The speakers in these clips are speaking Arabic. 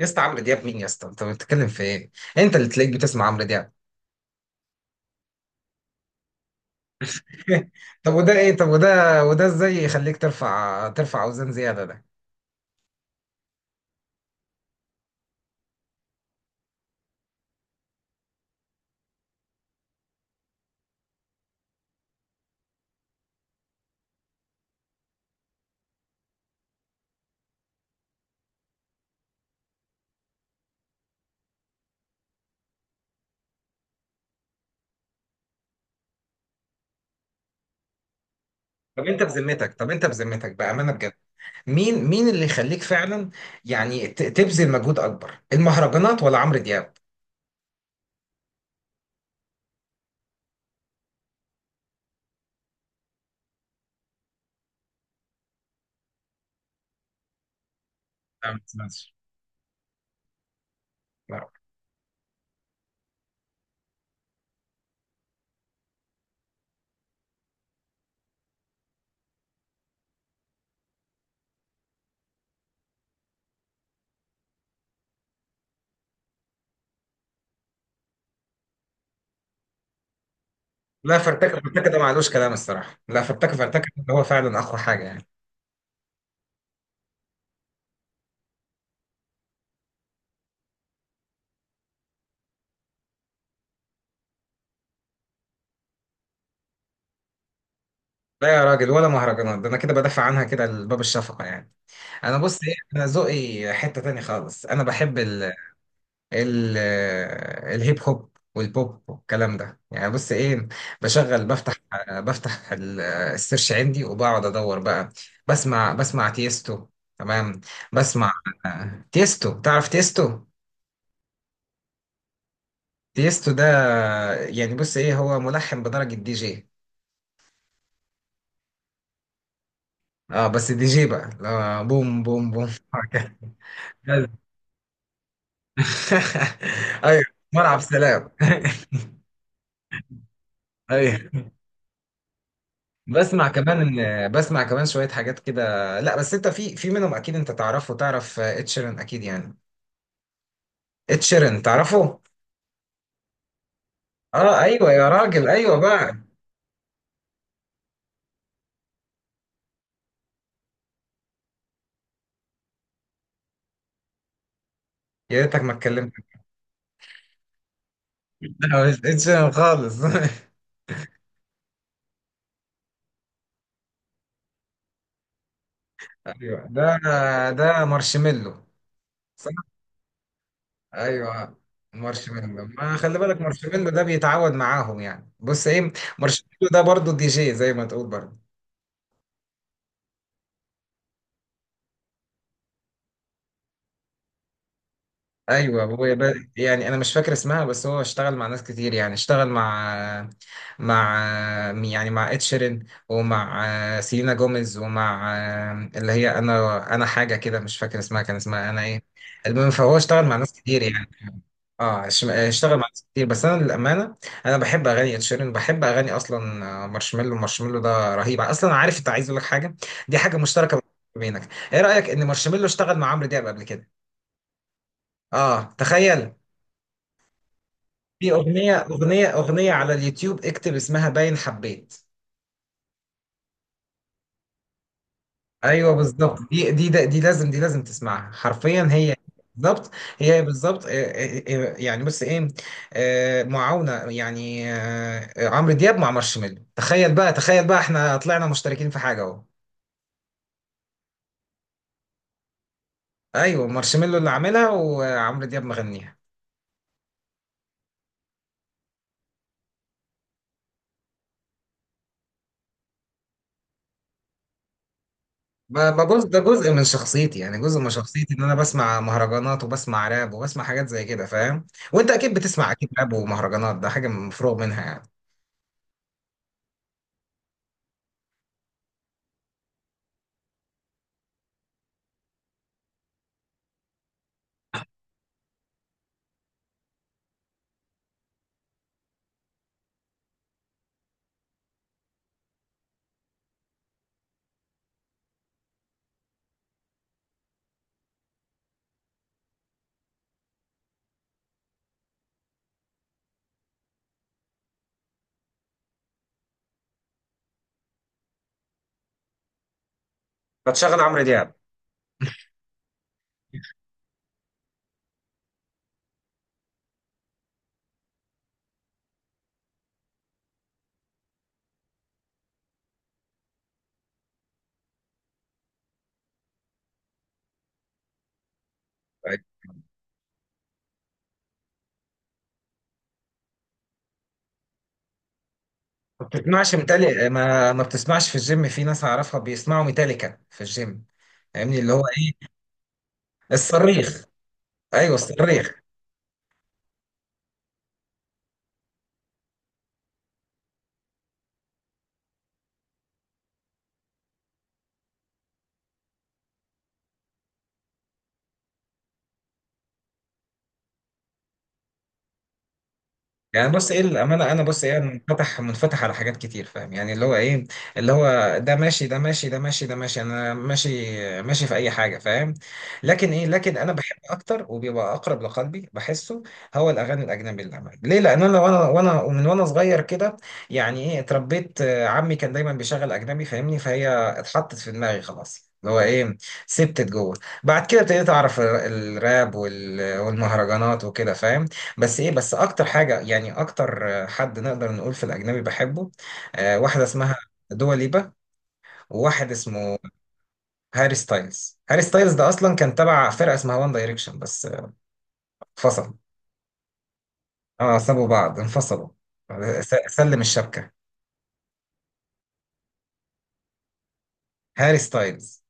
يا اسطى عمرو دياب مين يا اسطى، انت بتتكلم في ايه؟ انت اللي تلاقيك بتسمع عمرو دياب. طب وده ايه؟ طب وده وده ازاي يخليك ترفع اوزان زياده ده؟ طب انت بذمتك بامانه بجد، مين اللي يخليك فعلا يعني تبذل مجهود اكبر، المهرجانات ولا عمرو دياب؟ لا ما تسمعش. لا. لا، فرتكه فرتكه ده معلوش كلام، الصراحه لا، فرتكه فرتكه ده هو فعلا اقوى حاجه يعني. لا يا راجل، ولا مهرجانات، ده انا كده بدافع عنها كده لباب الشفقه يعني. انا بص ايه، انا ذوقي حته تاني خالص، انا بحب ال ال- الهيب هوب والبوب والكلام ده. يعني بص ايه، بشغل بفتح بفتح السيرش عندي وبقعد ادور بقى. بسمع تيستو. تمام. بسمع تيستو، تعرف تيستو؟ تيستو ده يعني بص ايه، هو ملحن بدرجة دي جي. اه بس دي جي بقى، لا، بوم بوم بوم. ايوه ملعب سلام. ايوه، بسمع كمان بسمع كمان شويه حاجات كده. لا بس انت في منهم اكيد انت تعرفه، تعرف اتشيرن اكيد يعني. اتشيرن تعرفه؟ اه ايوه يا راجل، ايوه بقى. يا ريتك ما اتكلمت. لا مش اتشيرن خالص. ايوه ده. ده مارشميلو. صح. ايوه. مارشميلو ما خلي بالك، مارشميلو ده بيتعود معاهم يعني، بص ايه، مارشميلو ده برضو دي جي، زي ما تقول برضو. ايوه هو يعني انا مش فاكر اسمها، بس هو اشتغل مع ناس كتير، يعني اشتغل مع، مع، يعني مع اد شيرين، ومع سيلينا جوميز، ومع اللي هي انا حاجه كده مش فاكر اسمها، كان اسمها انا ايه. المهم فهو اشتغل مع ناس كتير يعني. اه اشتغل مع ناس كتير، بس انا للامانه انا بحب اغاني اد شيرين، بحب اغاني اصلا، مارشميلو، مارشميلو ده رهيب اصلا. عارف، انت عايز اقول لك حاجه، دي حاجه مشتركه بينك، ايه رايك ان مارشميلو اشتغل مع عمرو دياب قبل كده؟ اه تخيل. في اغنيه، اغنيه على اليوتيوب، اكتب اسمها باين حبيت. ايوه بالظبط، دي لازم، دي لازم تسمعها حرفيا هي. بالظبط. هي بالظبط يعني بص ايه، معاونه يعني، عمرو دياب مع مارشميلو. تخيل بقى، تخيل بقى احنا طلعنا مشتركين في حاجه اهو. ايوه مارشميلو اللي عاملها وعمرو دياب مغنيها. ما جزء ده جزء من شخصيتي، يعني جزء من شخصيتي ان انا بسمع مهرجانات، وبسمع راب، وبسمع حاجات زي كده فاهم. وانت اكيد بتسمع اكيد راب ومهرجانات، ده حاجه مفروغ منها يعني. بتشغل عمرو دياب. ما بتسمعش ميتالي، ما بتسمعش في الجيم؟ في ناس اعرفها بيسمعوا ميتاليكا في الجيم. فاهمني، اللي هو ايه؟ الصريخ؟ ايوه الصريخ. يعني بص ايه الامانه، انا بص ايه، أنا منفتح، منفتح على حاجات كتير فاهم، يعني اللي هو ايه، اللي هو ده ماشي، ده ماشي، ده ماشي، ده ماشي، انا ماشي، ماشي في اي حاجه فاهم. لكن انا بحب اكتر، وبيبقى اقرب لقلبي بحسه، هو الاغاني الاجنبي، للامانه ليه؟ لان انا وانا وانا ومن وانا صغير كده، يعني ايه اتربيت، عمي كان دايما بيشغل اجنبي فاهمني، فهي اتحطت في دماغي خلاص، اللي هو ايه، سبتت جوه. بعد كده ابتديت اعرف الراب والمهرجانات وكده فاهم. بس اكتر حاجه يعني اكتر، حد نقدر نقول في الاجنبي بحبه، واحده اسمها دوا ليبا، وواحد اسمه هاري ستايلز. هاري ستايلز ده اصلا كان تبع فرقه اسمها وان دايركشن، بس انفصل. اه سابوا بعض انفصلوا، سلم الشبكه. هاري ستايلز.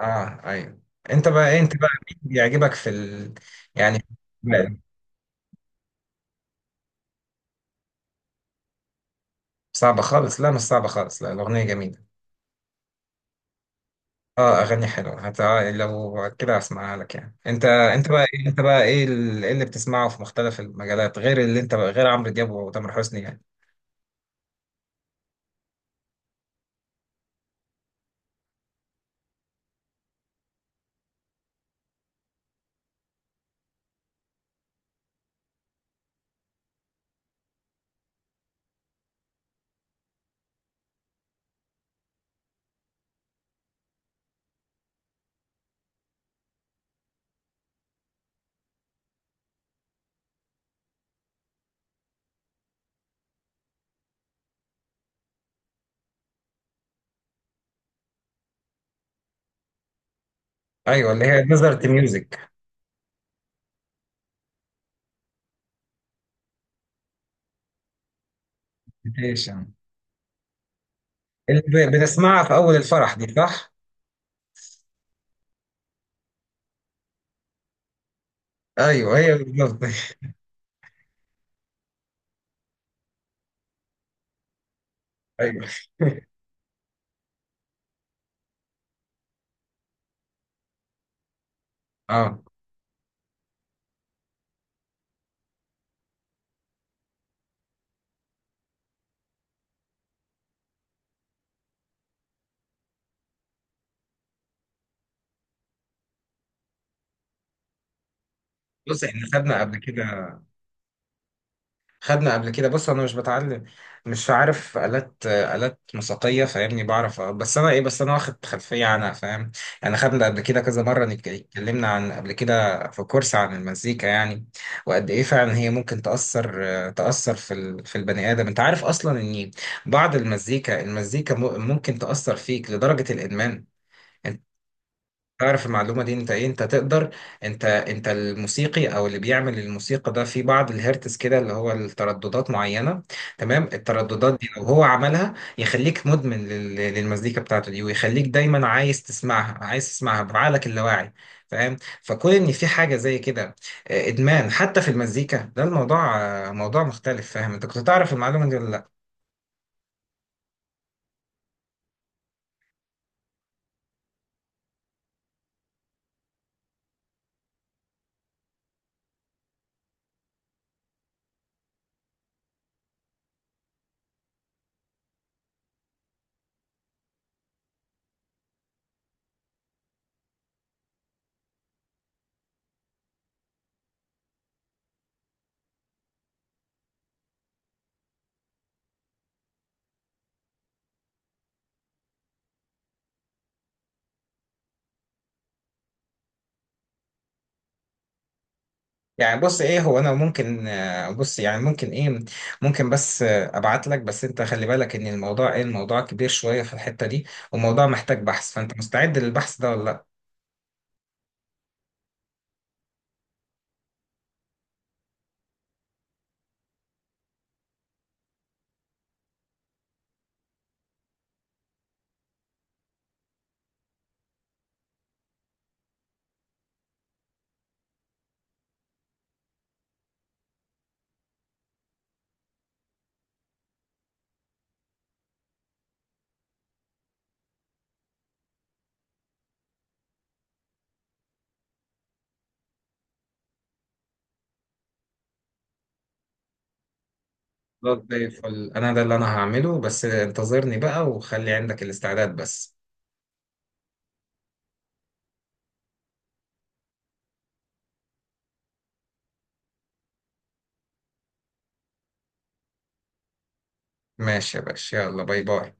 اه ايوه. انت بقى ايه، انت بقى مين بيعجبك في ال...؟ يعني لا، صعبه خالص، لا مش صعبه خالص، لا الاغنيه جميله. اه اغاني حلوه، لو كده هسمعها لك يعني. انت بقى ايه، إيه اللي بتسمعه في مختلف المجالات غير اللي انت بقى، غير عمرو دياب وتامر حسني يعني؟ ايوه اللي هي نظرة الميوزك. ايش يعني اللي بنسمعها في اول الفرح دي، صح؟ ايوه هي بالظبط. ايوه. اه. بص احنا خدنا قبل كده، خدنا قبل كده. بص انا مش بتعلم، مش عارف آلات، آلات موسيقية فاهمني، بعرف بس انا ايه، بس انا واخد خلفية عنها فاهم. يعني خدنا قبل كده كذا مرة، اتكلمنا عن، قبل كده في كورس عن المزيكا يعني. وقد ايه فعلا هي ممكن تأثر، تأثر في في البني آدم. انت عارف اصلا ان بعض المزيكا، ممكن تأثر فيك لدرجة الإدمان؟ تعرف المعلومة دي؟ انت ايه، انت تقدر، انت الموسيقي او اللي بيعمل الموسيقى ده، في بعض الهرتز كده اللي هو الترددات معينة. تمام، الترددات دي لو هو عملها يخليك مدمن للمزيكا بتاعته دي، ويخليك دايما عايز تسمعها، عايز تسمعها بعقلك اللاواعي فاهم. فكون ان في حاجة زي كده، ادمان حتى في المزيكا، ده الموضوع، موضوع مختلف فاهم. انت كنت تعرف المعلومة دي ولا لا؟ يعني بص ايه، هو انا ممكن بص يعني ممكن ايه، ممكن بس ابعت لك. بس انت خلي بالك ان الموضوع كبير شويه في الحته دي، وموضوع محتاج بحث، فانت مستعد للبحث ده ولا لا؟ خلاص زي الفل، انا ده اللي انا هعمله، بس انتظرني بقى وخلي عندك الاستعداد بس. ماشي يا باشا، يلا باي باي.